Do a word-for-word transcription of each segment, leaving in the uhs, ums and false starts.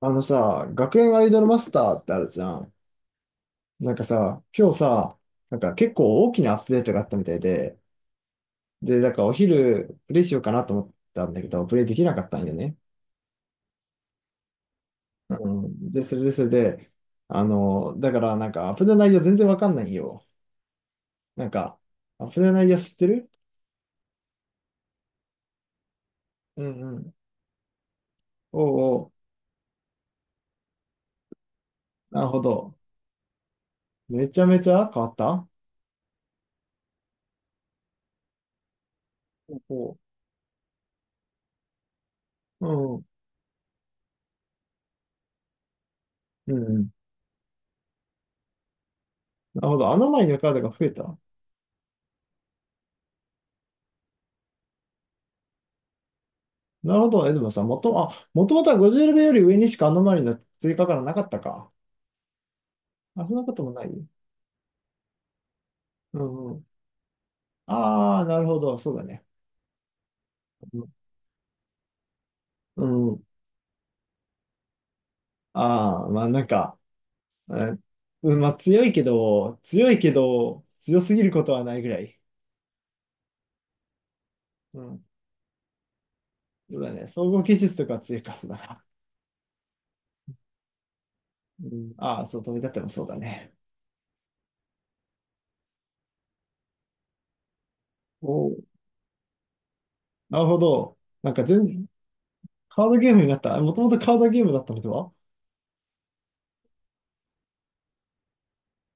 あのさ、学園アイドルマスターってあるじゃん。なんかさ、今日さ、なんか結構大きなアップデートがあったみたいで、で、なんかお昼プレイしようかなと思ったんだけど、プレイできなかったんよね。うん。で、それでそれで、あの、だからなんかアップデート内容全然わかんないよ。なんか、アップデート内容知ってる？うんうん。おうおう、なるほど。めちゃめちゃ変わった？おうおう。うんうん。うんうん。なるほど。あの前のカードが増えた？なるほど。え、でもさん、もと、あ、もともとはごじゅうレベルより上にしかアノマリの追加からなかったか。あ、そんなこともない。うんうん。ああ、なるほど。そうだね。うん。うん、ああ、まあなんか、うん、まあ強いけど、強いけど、強すぎることはないぐらい。うん。そうだね。総合技術とかは強いか、そうだな。うん、ああ、そう、飛び立ってもそうだね。おう、なるほど。なんか全、カードゲームになった。もともとカードゲームだったのでは？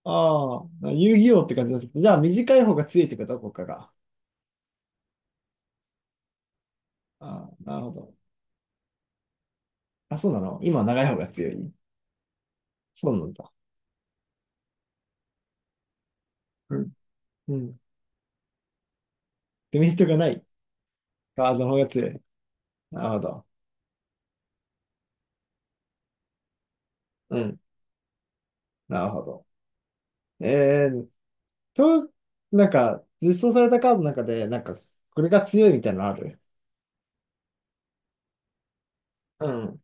ああ、遊戯王って感じだった。じゃあ、短い方が強いってこと国家が。ああ、なるほど。あ、そうなの。今、長い方が強い？そうなんだ。うん。うん。デメリットがない。カードの方が強い。なるほど。うん。なるほど。えー、と、なんか、実装されたカードの中で、なんか、これが強いみたいなのある？うん。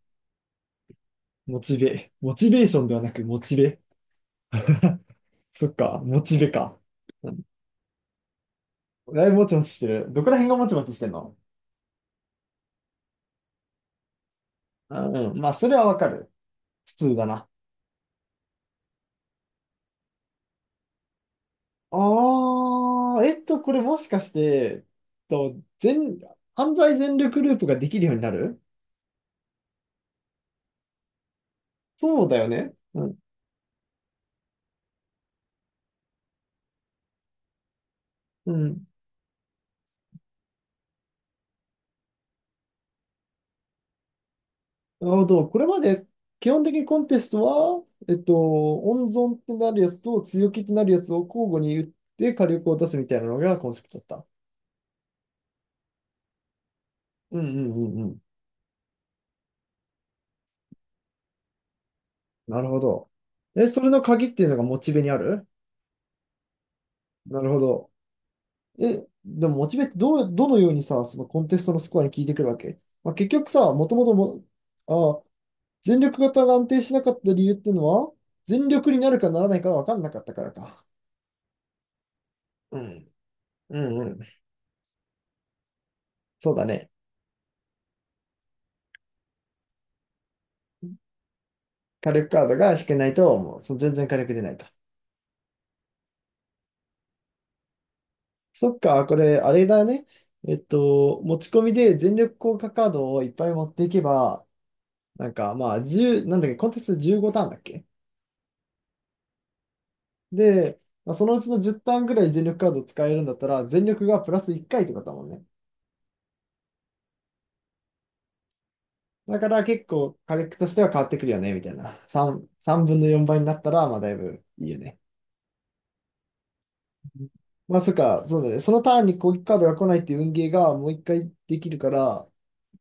モチベ。モチベーションではなく、モチベ。そっか、モチベか。うん。だいぶもちもちしてる。どこら辺がもちもちしてんの？あうん。まあ、それはわかる。普通だな。ああ、えっと、これもしかして、と、全、犯罪全力ループができるようになる？そうだよね。うん。うん。なるほど。これまで、基本的にコンテストは、えっと、温存ってなるやつと強気ってなるやつを交互に打って火力を出すみたいなのがコンセプトだった。うんうんうんうん。なるほど。え、それの鍵っていうのがモチベにある？なるほど。え、でもモチベってどう、どのようにさ、そのコンテストのスコアに効いてくるわけ？まあ、結局さ、もともとも、ああ、全力型が安定しなかった理由っていうのは、全力になるかならないかが分かんなかったからか。うん。うんうん。そうだね。火力カードが引けないと、もうそ全然火力出ないと。そっか、これ、あれだね。えっと、持ち込みで全力効果カードをいっぱい持っていけば、なんかまあ、いちなんだっけ、コンテストじゅうごターンだっけ？で、まあそのうちのじゅうターンぐらい全力カード使えるんだったら、全力がプラスいっかいってことだもんね。だから結構火力としては変わってくるよね、みたいな。さん、さんぶんのよんばいになったら、まあだいぶいいよね。まあそっか、そうだね。そのターンに攻撃カードが来ないっていう運ゲーがもう一回できるから、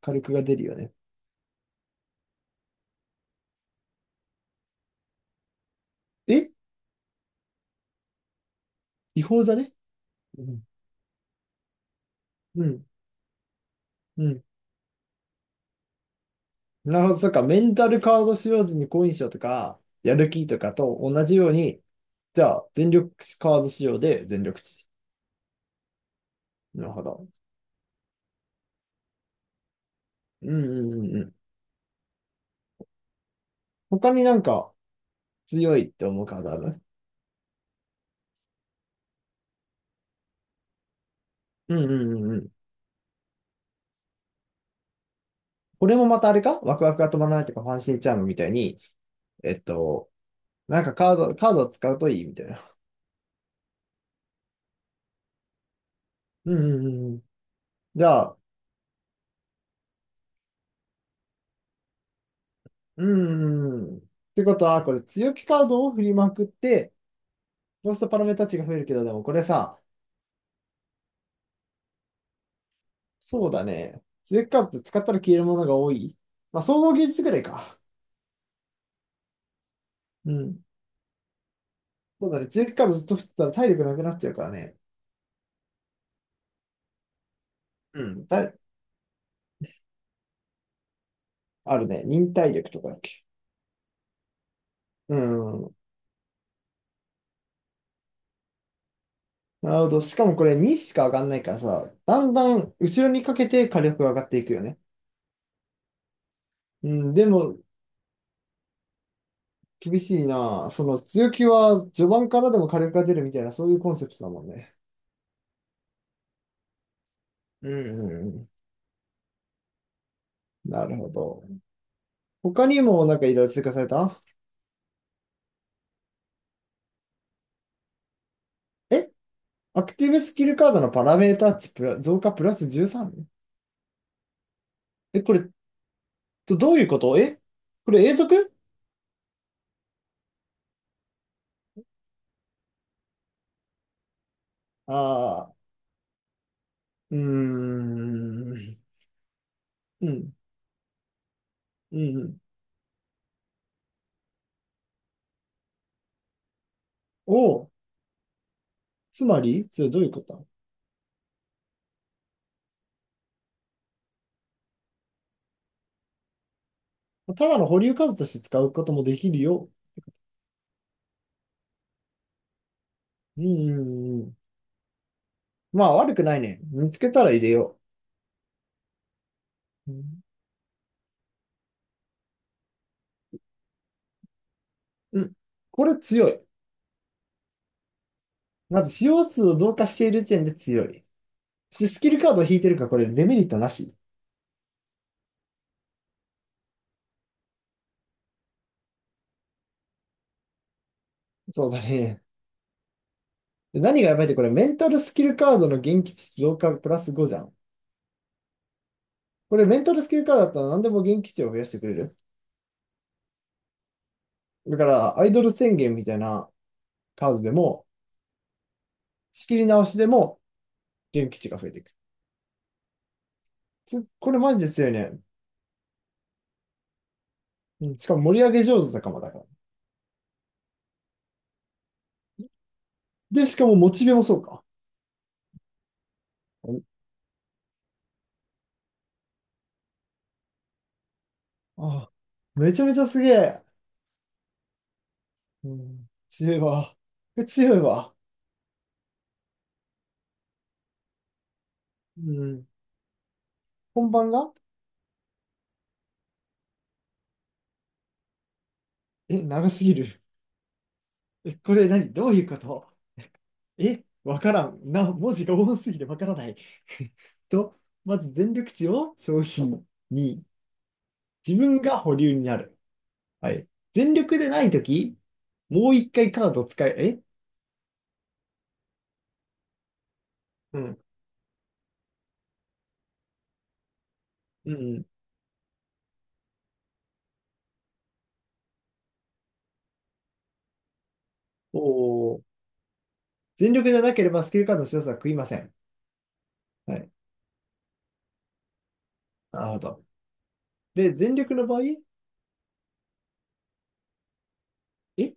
火力が出るよね。え、違法じゃね？うん。うん。うん、なるほど、そっか。メンタルカード使用時に好印象とか、やる気とかと同じように、じゃあ全力カード使用で全力値。なるほど。うんうんうんうん。他になんか強いって思うカードある？うんうんうんうん。これもまたあれか、ワクワクが止まらないとか、ファンシーチャームみたいに、えっと、なんかカード、カードを使うといいみたいな。うんうんうんうん。じゃあ、うんうんうん。ってことは、これ強気カードを振りまくって、ロストパラメータ値が増えるけど、でもこれさ、そうだね。強気カードって使ったら消えるものが多い。まあ、総合技術ぐらいか。うん。そうだね。強気カードずっと振ってたら体力なくなっちゃうからね。うん。たあるね。忍耐力とかだっけ。うん。なるほど。しかもこれにしか上がんないからさ、だんだん後ろにかけて火力が上がっていくよね。うん、でも、厳しいな。その強気は序盤からでも火力が出るみたいな、そういうコンセプトだもんね。うんうんうん。なるほど。他にもなんかいろいろ追加された？え、アクティブスキルカードのパラメータ値プラ増加プラス じゅうさん？ え、これ、どどういうこと？え、これ永続？ああー、うーん。うん。うんうん、を、つまり、それどういうこと？ただの保留カードとして使うこともできるよ。うん、うんうん。まあ、悪くないね。見つけたら入れよう。うん。うん、これ強い。まず、使用数を増加している時点で強い。しスキルカードを引いてるから、これデメリットなし。そうだね。で何がやばいって、これメンタルスキルカードの元気値増加プラスごじゃん。これメンタルスキルカードだったら何でも元気値を増やしてくれる。だから、アイドル宣言みたいなカードでも、仕切り直しでも元気値が増えていく。つこれマジですよね。うん、しかも盛り上げ上手だかもだから。で、しかもモチベもそうか。おあ、めちゃめちゃすげえ。うん、強いわ。これ強いわ。うん、本番が？え、長すぎる。え、これ何どういうこと？え、わからん。な、文字が多すぎてわからない。と、まず全力値を消費に、自分が保留になる。はい。全力でないとき、もう一回カード使え、え？うん。うん。お、全力じゃなければスキルカードの強さは食いません。はい。なるほど。で、全力の場合、え、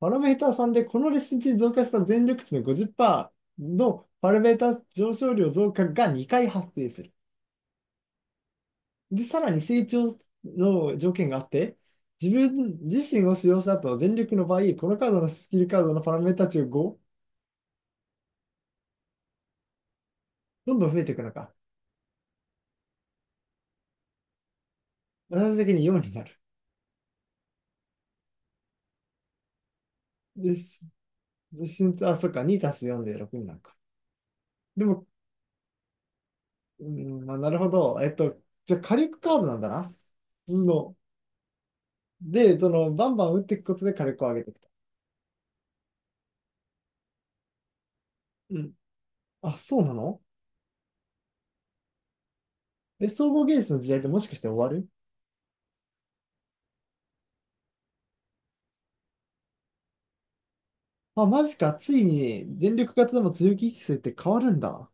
パラメーターさんでこのレッスン値に増加した全力値のごじゅっパーセントのパラメーター上昇量増加がにかい発生する。で、さらに成長の条件があって、自分自身を使用した後、全力の場合、このカードのスキルカードのパラメータ値がご、どんどん増えていくのか。最終的によんになる。で、しでしあ、そっか、に足すよんでろくになるか。でも、うん、まあ、なるほど。えっと、じゃあ火力カードなんだな。普通の。で、その、バンバン打っていくことで火力を上げていくと。うん。あ、そうなの？え、総合芸術の時代ってもしかして終わる？あ、マジか。ついに電力型でも強気機制って変わるんだ。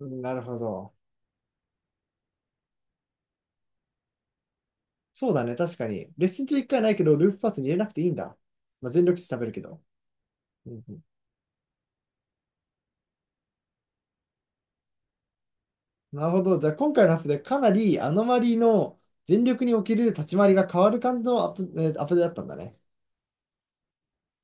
うん、なるほど。そうだね、確かに。レッスン中いっかいないけど、ループパスに入れなくていいんだ。まあ、全力値食べるけど。うんうん、なるほど。じゃあ、今回のアップでかなりアノマリーの全力における立ち回りが変わる感じのアップ、えーアップデートだったんだね。